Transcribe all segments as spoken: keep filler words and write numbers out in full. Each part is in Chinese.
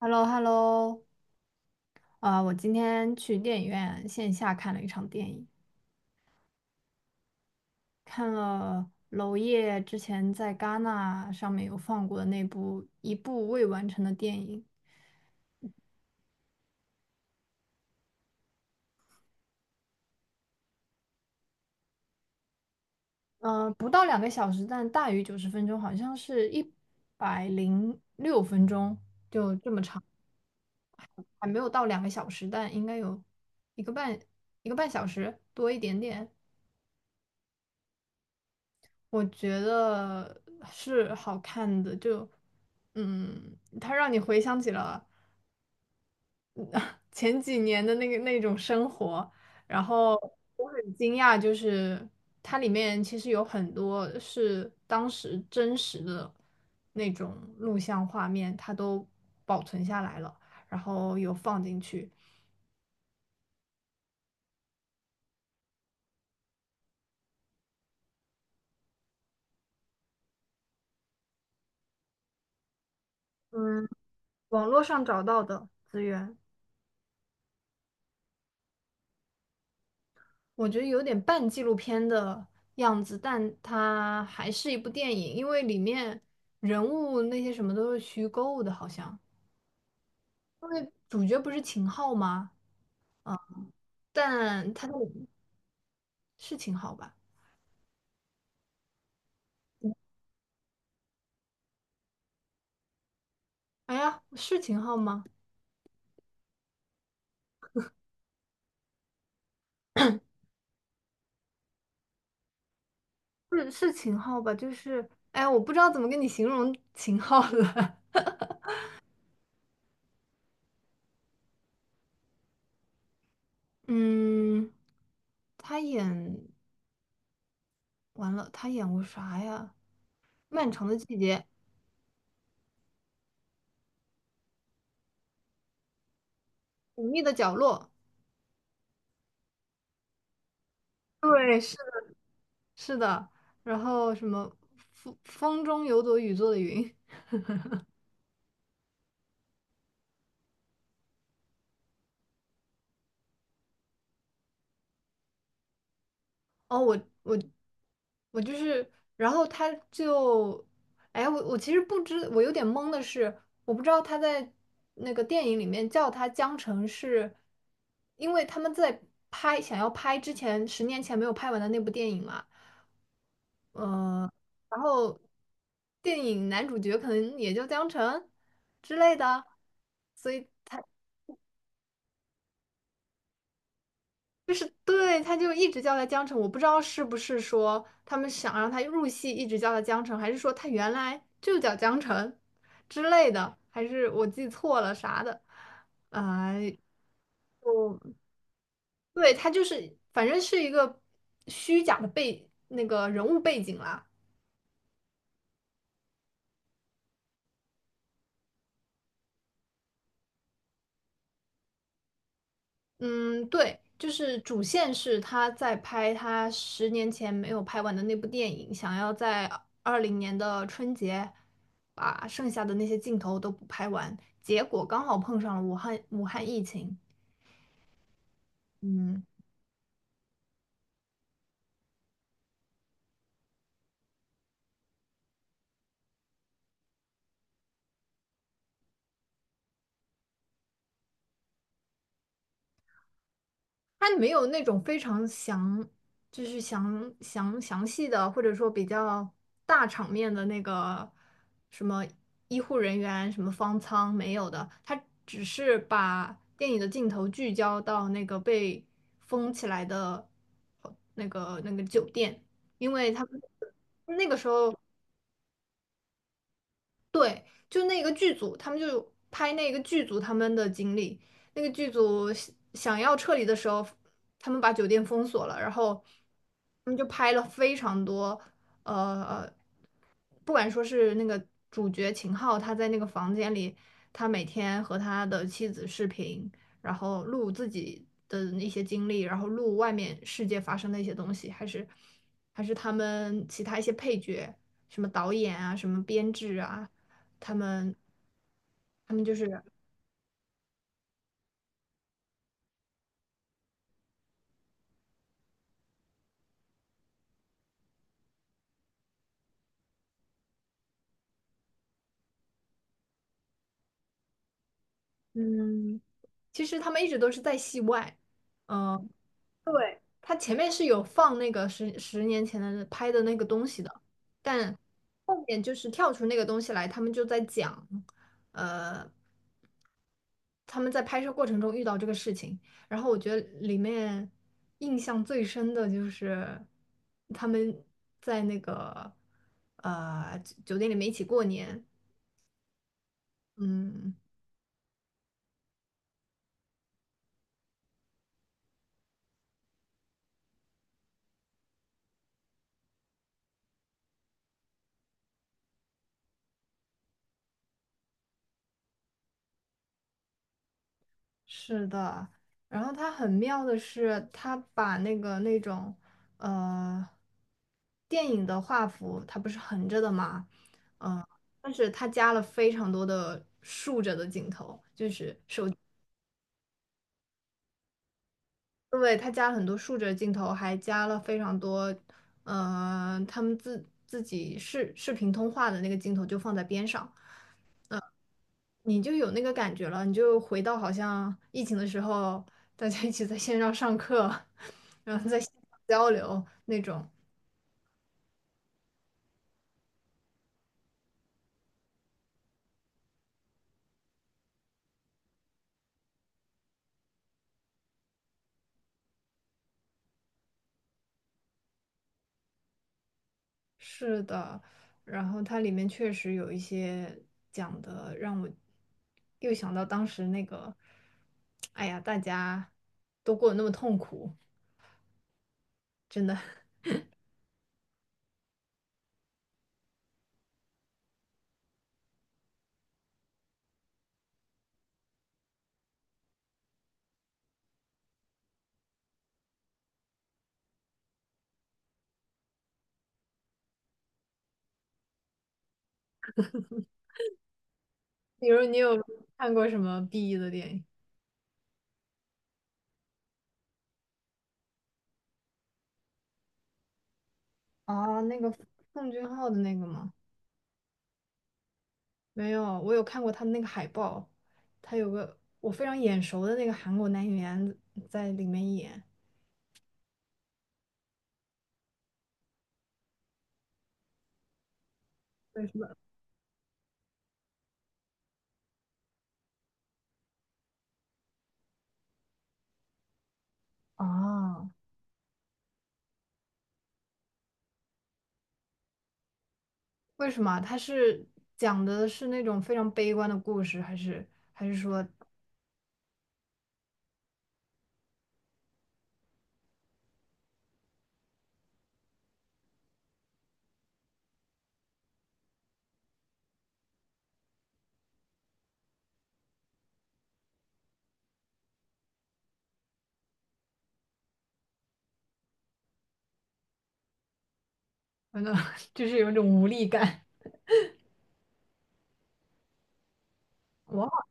h e l l o h e l l o。 啊，我今天去电影院线下看了一场电影，看了娄烨之前在戛纳上面有放过的那部一部未完成的电影，嗯，不到两个小时，但大于九十分钟，好像是一百零六分钟，还没有到两个小时，但应该有一个半一个半小时多一点点。我觉得是好看的，就嗯，它让你回想起了。前几年的那个那种生活，然后我很惊讶，就是它里面其实有很多是当时真实的那种录像画面，它都保存下来了，然后有放进去。嗯，网络上找到的资源，我觉得有点半纪录片的样子，但它还是一部电影，因为里面人物那些什么都是虚构的，好像。因为主角不是秦昊吗？但他是秦昊吧？哎呀，是秦昊吗？是是秦昊吧？就是，哎，我不知道怎么跟你形容秦昊了。嗯，他演完了，他演过啥呀？《漫长的季节》《隐秘的角落》。对，是的，是的。然后什么风风中有朵雨做的云？哦，我我我就是，然后他就，哎，我我其实不知，我有点懵的是，我不知道他在那个电影里面叫他江澄是，因为他们在拍想要拍之前十年前没有拍完的那部电影嘛，嗯，然后电影男主角可能也叫江澄之类的，所以。就是对，他就一直叫他江城，我不知道是不是说他们想让他入戏，一直叫他江城，还是说他原来就叫江城之类的，还是我记错了啥的？啊、我对他就是，反正是一个虚假的背那个人物背景啦。嗯，对，就是主线是他在拍他十年前没有拍完的那部电影，想要在二零年的春节把剩下的那些镜头都补拍完，结果刚好碰上了武汉武汉疫情，嗯，它没有那种非常详，就是详详详细的，或者说比较大场面的那个什么医护人员、什么方舱没有的，它只是把电影的镜头聚焦到那个被封起来的呃那个那个酒店，因为他们那个时候对，就那个剧组，他们就拍那个剧组他们的经历。那个剧组想想要撤离的时候，他们把酒店封锁了，然后他们就拍了非常多，呃，不管说是那个主角秦昊，他在那个房间里，他每天和他的妻子视频，然后录自己的一些经历，然后录外面世界发生的一些东西，还是还是他们其他一些配角。什么导演啊，什么编制啊，他们他们就是，嗯，其实他们一直都是在戏外，嗯，对，他前面是有放那个十十年前的拍的那个东西的，但后面就是跳出那个东西来，他们就在讲，呃，他们在拍摄过程中遇到这个事情，然后我觉得里面印象最深的就是他们在那个呃酒酒店里面一起过年，嗯。是的，然后它很妙的是，它把那个那种呃电影的画幅，它不是横着的嘛，嗯、但是它加了非常多的竖着的镜头，就因为它加了很多竖着的镜头，还加了非常多，呃，他们自自己视视频通话的那个镜头就放在边上，你就有那个感觉了，你就回到好像疫情的时候，大家一起在线上上课，然后在线上交流那种。是的，然后它里面确实有一些讲的，让我又想到当时那个，哎呀，大家都过得那么痛苦。比如你有看过什么 B E 的电影？啊？那个奉俊昊的那个吗？没有，我有看过他的那个海报，他有个我非常眼熟的那个韩国男演员在里面演。为什么？啊？为什么啊？他是讲的是那种非常悲观的故事，还是还是反正 就是有一种无力感？哇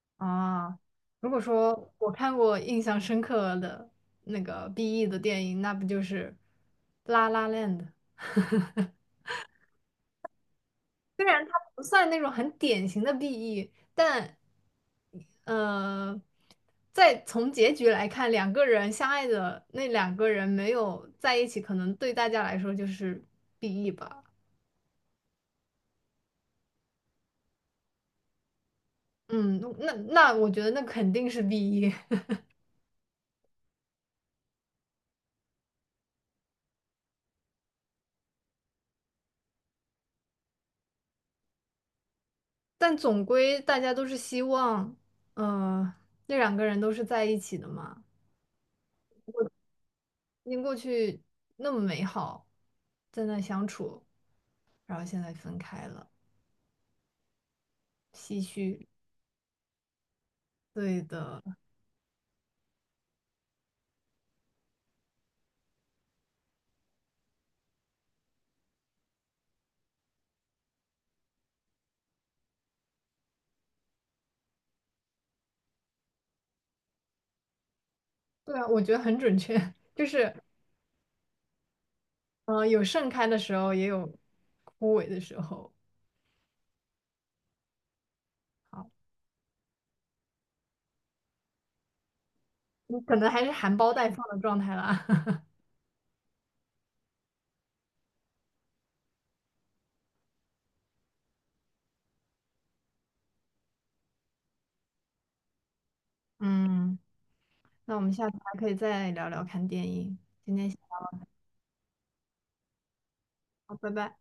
啊，如果说我看过印象深刻的那个 B E 的电影，那不就是《La La Land》？虽然它不算那种很典型的 B E，但呃，在从结局来看，两个人相爱的那两个人没有在一起，可能对大家来说就是 B E 吧。嗯，那那我觉得那肯定是 B E，但总归大家都是希望，呃，那两个人都是在一起的嘛，因过去那么美好，在那相处，然后现在分开了，唏嘘。对的。对啊，我觉得很准确，就是嗯、呃有盛开的时候，也有枯萎的时候。好，你可能还是含苞待放的状态啦。嗯，那我们下次还可以再聊聊看电影。今天先，好，拜拜。